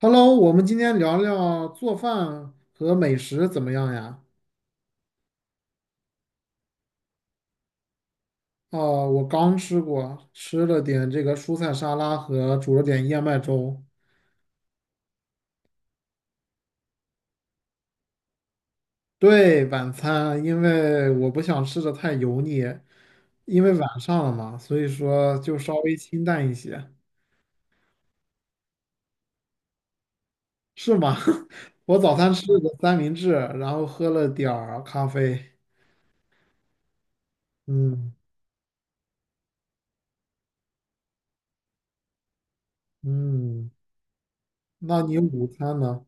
Hello，我们今天聊聊做饭和美食怎么样呀？哦，我刚吃过，吃了点这个蔬菜沙拉和煮了点燕麦粥。对，晚餐，因为我不想吃的太油腻，因为晚上了嘛，所以说就稍微清淡一些，是吗？我早餐吃了个三明治，然后喝了点儿咖啡。嗯嗯，那你午餐呢？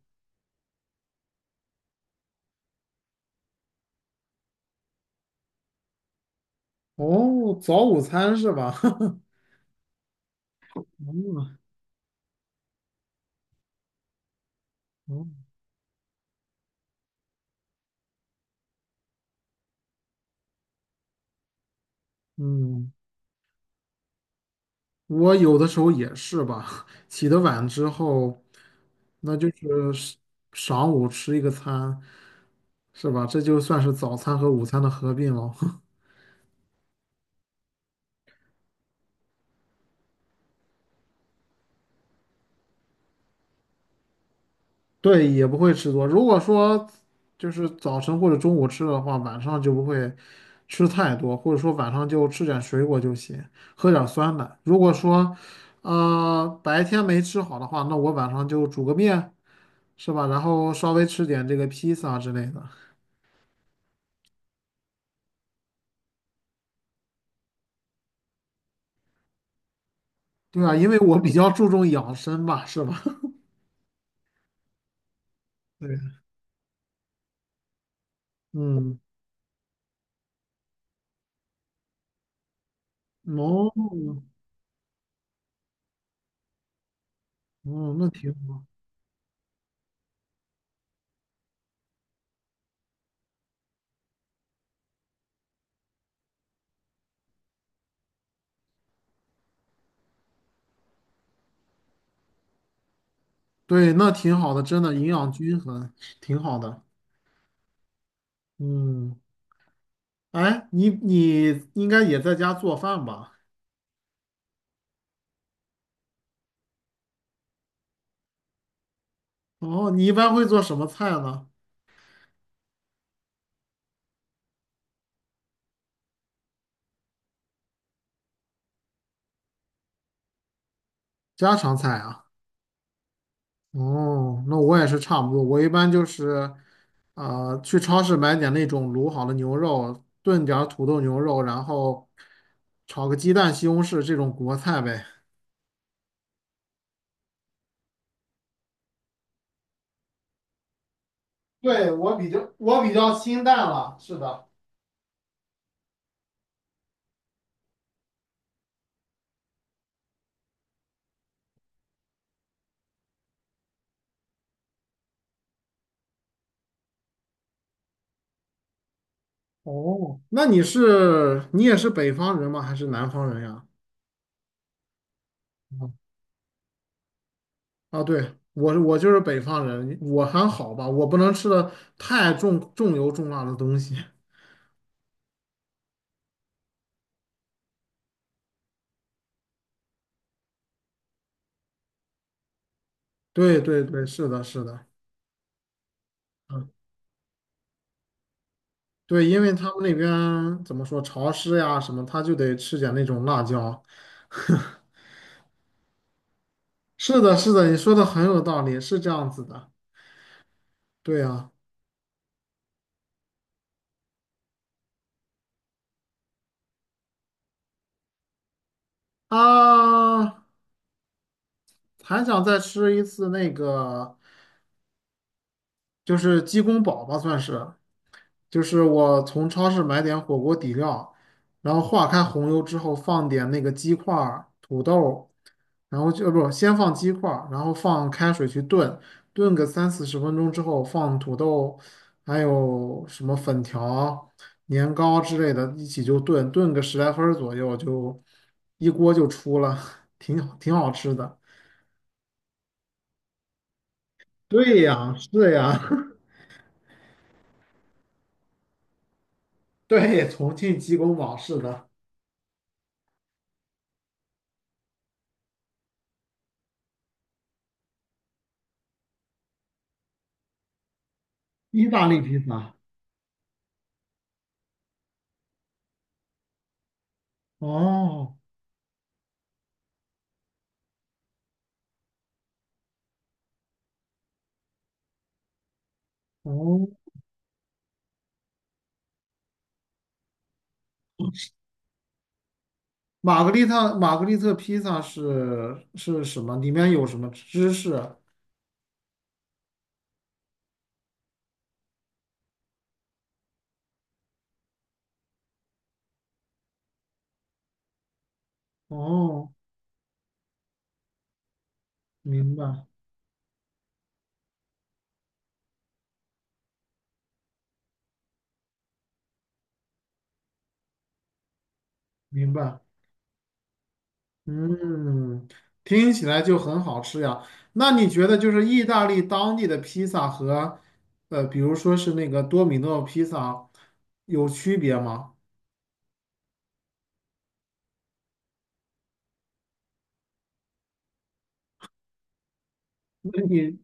哦，早午餐是吧？嗯嗯，我有的时候也是吧，起得晚之后，那就是晌午吃一个餐，是吧？这就算是早餐和午餐的合并了。对，也不会吃多。如果说就是早晨或者中午吃的话，晚上就不会吃太多，或者说晚上就吃点水果就行，喝点酸奶。如果说白天没吃好的话，那我晚上就煮个面，是吧？然后稍微吃点这个披萨之类的。对啊，因为我比较注重养生吧，是吧？对，嗯，哦，哦，那挺好，对，那挺好的，真的营养均衡，挺好的。嗯，哎，你应该也在家做饭吧？哦，你一般会做什么菜呢？家常菜啊。哦，那我也是差不多，我一般就是，去超市买点那种卤好的牛肉，炖点儿土豆牛肉，然后炒个鸡蛋、西红柿这种国菜呗。对，我比较清淡了，是的，哦，那你也是北方人吗？还是南方人呀？嗯啊，对，我就是北方人，我还好吧，我不能吃的太重油重辣的东西。对对对，是的，是的，对，因为他们那边怎么说潮湿呀什么，他就得吃点那种辣椒。是的，是的，你说的很有道理，是这样子的。对呀，啊，还想再吃一次那个。就是鸡公煲吧，算是，就是我从超市买点火锅底料，然后化开红油之后放点那个鸡块儿、土豆，然后就不先放鸡块儿，然后放开水去炖，炖个30到40分钟之后放土豆，还有什么粉条、年糕之类的一起就炖，炖个十来分儿左右就一锅就出了，挺好挺好吃的。对呀，是呀，对，重庆鸡公煲是的。意大利披萨，哦哦，玛格丽特披萨是什么？里面有什么芝士？哦，明白明白，嗯，听起来就很好吃呀。那你觉得就是意大利当地的披萨和比如说是那个多米诺披萨有区别吗？那你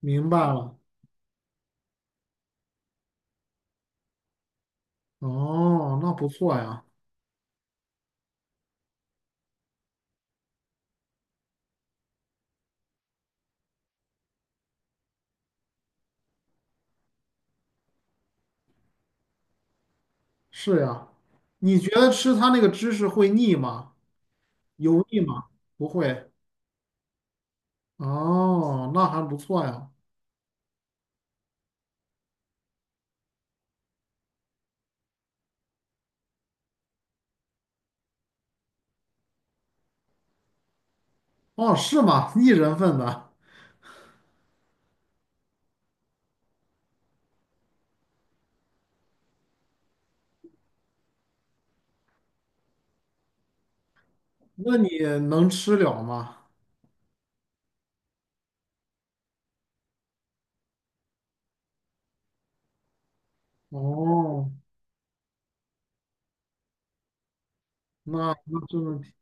明白了，哦，那不错呀，是呀。你觉得吃它那个芝士会腻吗？油腻吗？不会。哦，那还不错呀。哦，是吗？一人份的，那你能吃了吗？哦，那那真的挺，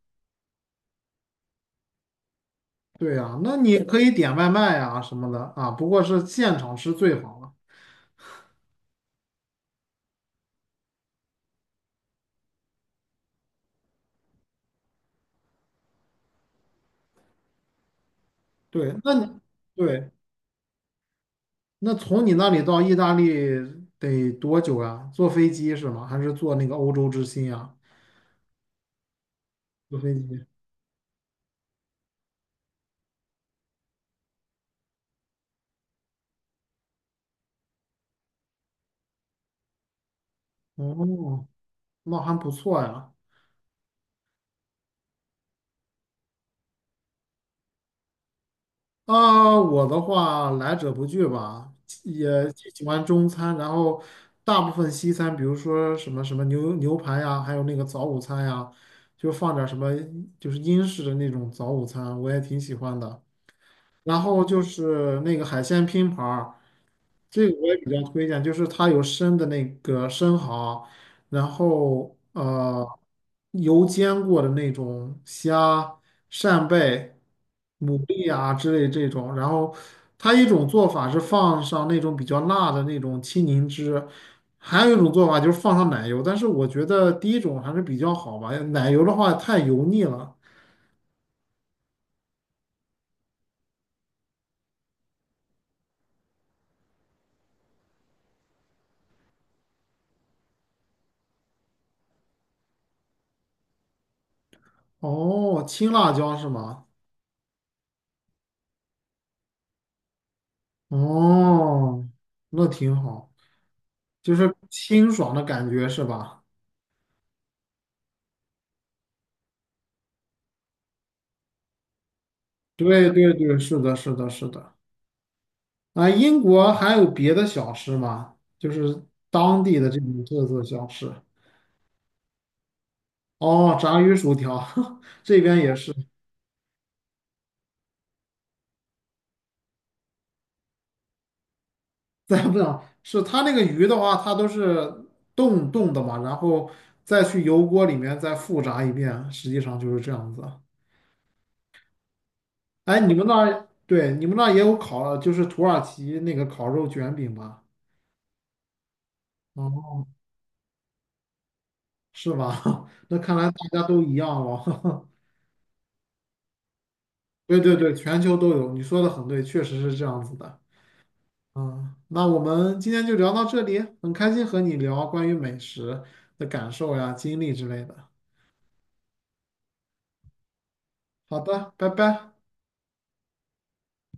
对呀，那你可以点外卖呀什么的啊，不过是现场吃最好了。对，那你对，那从你那里到意大利得多久呀？坐飞机是吗？还是坐那个欧洲之星呀？坐飞机。哦，那还不错呀。啊，我的话来者不拒吧，也既喜欢中餐，然后大部分西餐，比如说什么什么牛排呀，还有那个早午餐呀，就放点儿什么就是英式的那种早午餐，我也挺喜欢的。然后就是那个海鲜拼盘儿，这个我也比较推荐，就是它有生的那个生蚝，然后油煎过的那种虾、扇贝、牡蛎啊之类这种，然后它一种做法是放上那种比较辣的那种青柠汁，还有一种做法就是放上奶油，但是我觉得第一种还是比较好吧，奶油的话太油腻了。哦，青辣椒是吗？哦，那挺好。就是清爽的感觉是吧？对对对，是的，是的，是的。啊，英国还有别的小吃吗？就是当地的这种特色小吃。哦，炸鱼薯条，这边也是。再不讲，是它那个鱼的话，它都是冻冻的嘛，然后再去油锅里面再复炸一遍，实际上就是这样子。哎，你们那儿，对，你们那儿也有烤，就是土耳其那个烤肉卷饼吧？哦。是吧？那看来大家都一样了。对对对，全球都有，你说的很对，确实是这样子的。嗯，那我们今天就聊到这里，很开心和你聊关于美食的感受呀、经历之类的。好的，拜拜。